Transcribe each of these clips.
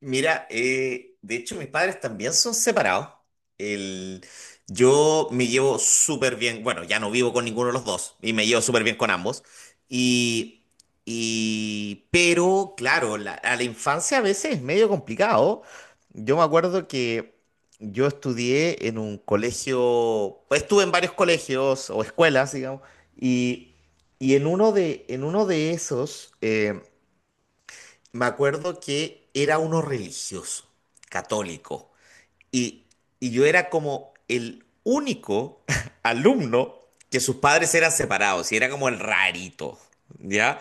Mira, de hecho mis padres también son separados. El, yo me llevo súper bien, bueno, ya no vivo con ninguno de los dos y me llevo súper bien con ambos. Y, y pero claro, a la infancia a veces es medio complicado. Yo me acuerdo que yo estudié en un colegio, pues, estuve en varios colegios o escuelas, digamos, y, y en uno de esos, me acuerdo que era uno religioso, católico, y, y yo era como el único alumno que sus padres eran separados, y era como el rarito, ¿ya?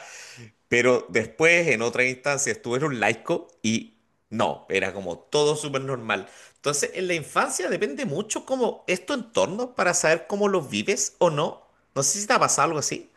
Pero después, en otra instancia, estuve en un laico y no, era como todo súper normal. Entonces, en la infancia depende mucho como es tu entorno para saber cómo lo vives o no. No sé si te ha pasado algo así.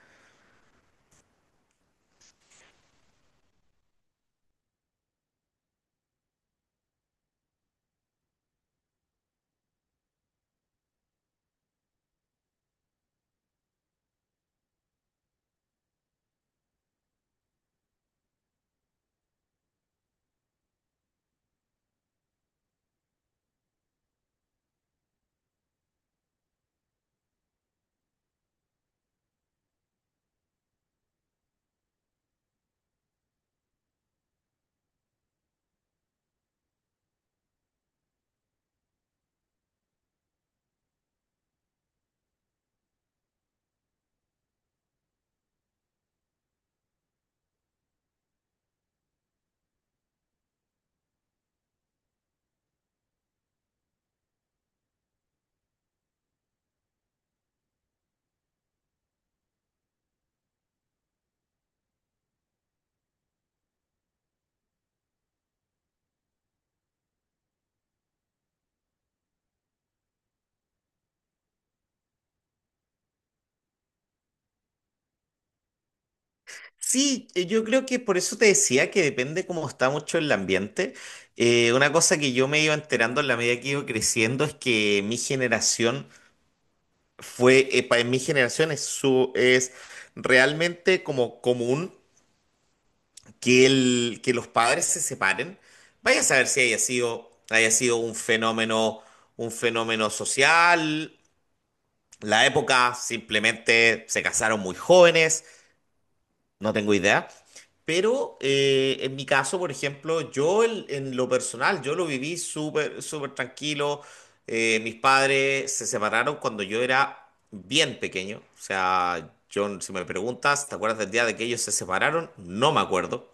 Sí, yo creo que por eso te decía que depende cómo está mucho el ambiente. Una cosa que yo me iba enterando en la medida que iba creciendo es que mi generación en mi generación es realmente como común que los padres se separen. Vaya a saber si haya sido un fenómeno, social, la época, simplemente se casaron muy jóvenes. No tengo idea. Pero en mi caso, por ejemplo, yo en lo personal, yo lo viví súper, súper tranquilo. Mis padres se separaron cuando yo era bien pequeño. O sea, yo, si me preguntas, ¿te acuerdas del día de que ellos se separaron? No me acuerdo.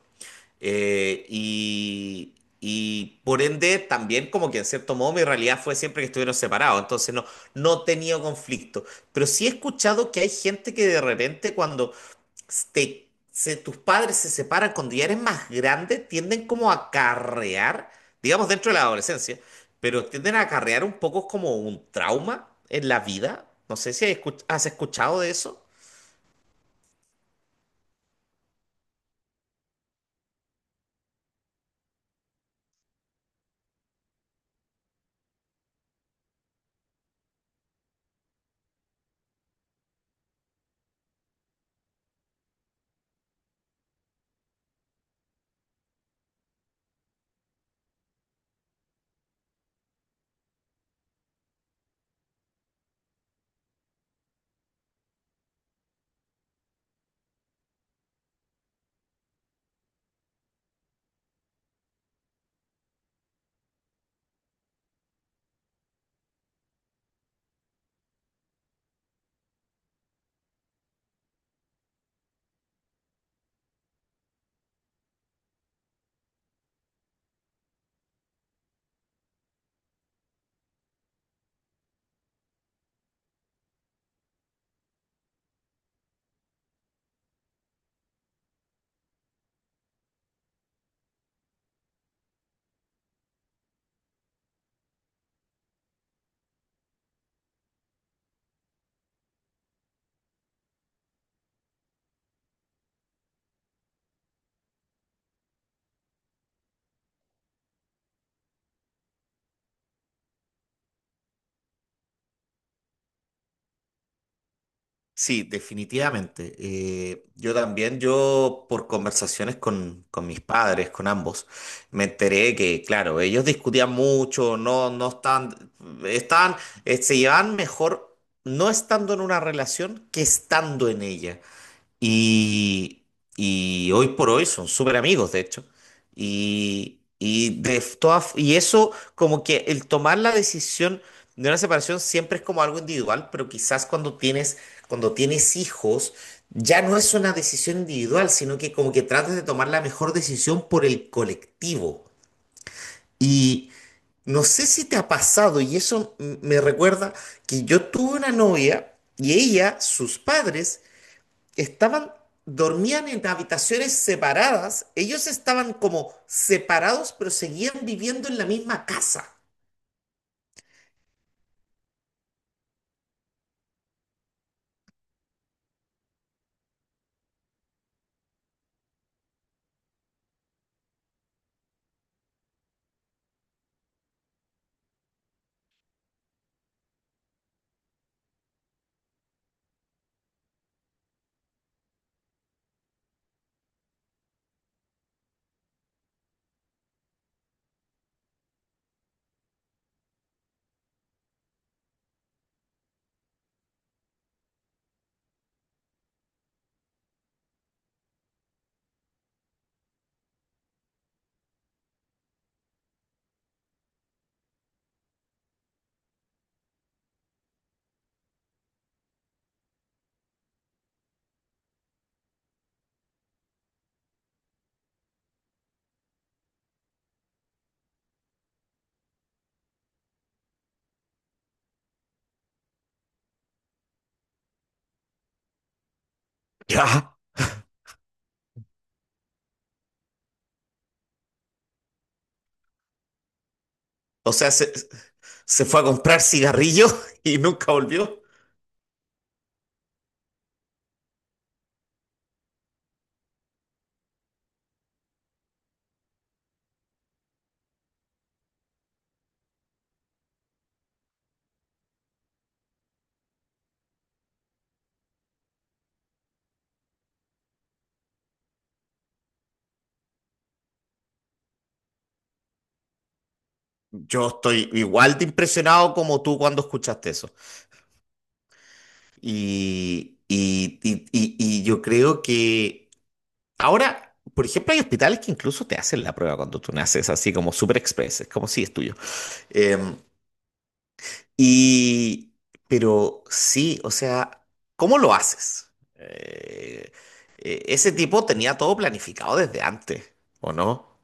Y por ende, también como que en cierto modo mi realidad fue siempre que estuvieron separados, entonces no, no he tenido conflicto. Pero sí he escuchado que hay gente que de repente cuando tus padres se separan cuando ya eres más grande, tienden como a acarrear, digamos dentro de la adolescencia, pero tienden a acarrear un poco como un trauma en la vida. No sé si has escuchado de eso. Sí, definitivamente. Yo también, yo por conversaciones con mis padres, con ambos, me enteré que, claro, ellos discutían mucho, no, no están, están, se llevan mejor no estando en una relación que estando en ella. Y, y hoy por hoy son súper amigos, de hecho. Y como que el tomar la decisión de una separación siempre es como algo individual, pero quizás cuando tienes hijos, ya no es una decisión individual, sino que como que tratas de tomar la mejor decisión por el colectivo. Y no sé si te ha pasado, y eso me recuerda que yo tuve una novia y ella, sus padres, Estaban, dormían en habitaciones separadas. Ellos estaban como separados, pero seguían viviendo en la misma casa. Ya. O sea, se fue a comprar cigarrillos y nunca volvió. Yo estoy igual de impresionado como tú cuando escuchaste eso. Y yo creo que ahora, por ejemplo, hay hospitales que incluso te hacen la prueba cuando tú naces, así como super express, es como si es tuyo. Eh, Y, pero sí, o sea, ¿cómo lo haces? Ese tipo tenía todo planificado desde antes, ¿o no?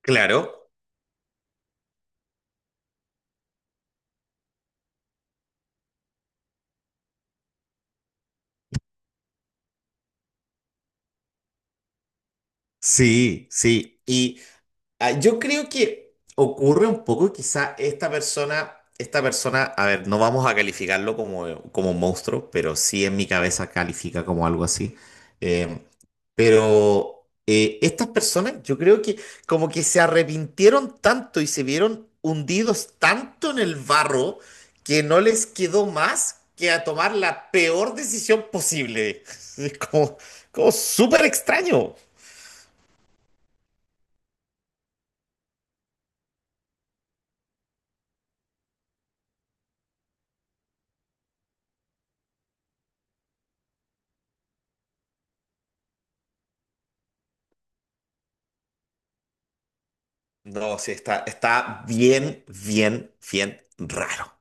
Claro. Sí, sí. Y yo creo que ocurre un poco, quizá esta persona, a ver, no vamos a calificarlo como, como un monstruo, pero sí en mi cabeza califica como algo así. Eh, Pero estas personas, yo creo que como que se arrepintieron tanto y se vieron hundidos tanto en el barro que no les quedó más que a tomar la peor decisión posible. Es como, como súper extraño. No, sí, está bien, bien, bien raro.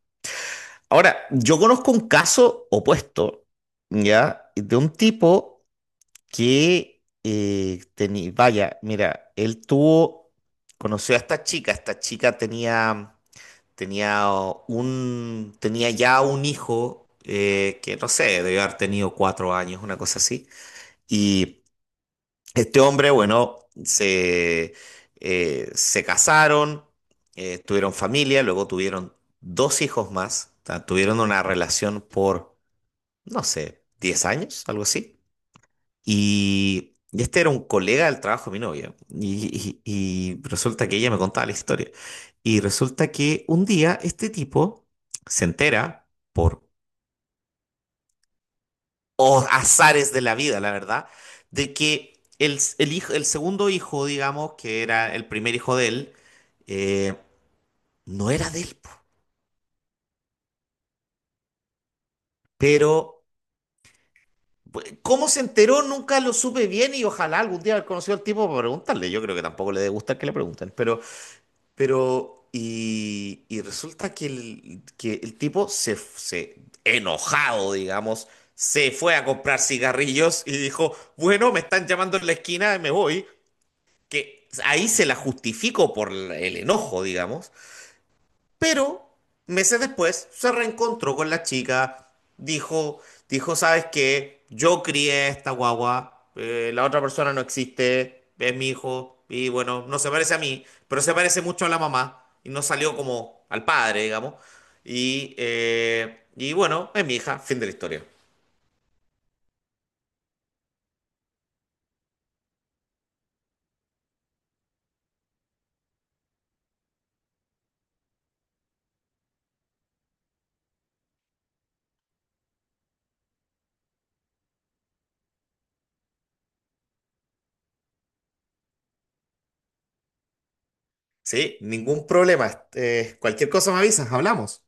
Ahora, yo conozco un caso opuesto, ¿ya? De un tipo que vaya, mira, conoció a esta chica. Esta chica tenía ya un hijo que no sé, debió haber tenido 4 años, una cosa así, y este hombre, bueno, se, se casaron, tuvieron familia, luego tuvieron dos hijos más, o sea, tuvieron una relación por, no sé, 10 años, algo así. Y este era un colega del trabajo de mi novia. Y resulta que ella me contaba la historia. Y resulta que un día este tipo se entera, por azares de la vida, la verdad, de que el hijo, el segundo hijo, digamos, que era el primer hijo de él, eh, no era de él. Po. Pero cómo se enteró nunca lo supe bien y ojalá algún día haber conocido al tipo para preguntarle. Yo creo que tampoco le debe gustar que le pregunten, pero. Pero, y resulta que que el tipo enojado, digamos, se fue a comprar cigarrillos y dijo, bueno, me están llamando en la esquina, me voy. Que ahí se la justifico por el enojo, digamos. Pero meses después se reencontró con la chica, dijo, dijo, ¿sabes qué? Yo crié esta guagua, la otra persona no existe, es mi hijo, y bueno, no se parece a mí, pero se parece mucho a la mamá, y no salió como al padre, digamos. Y bueno, es mi hija, fin de la historia. Sí, ningún problema. Cualquier cosa me avisas, hablamos.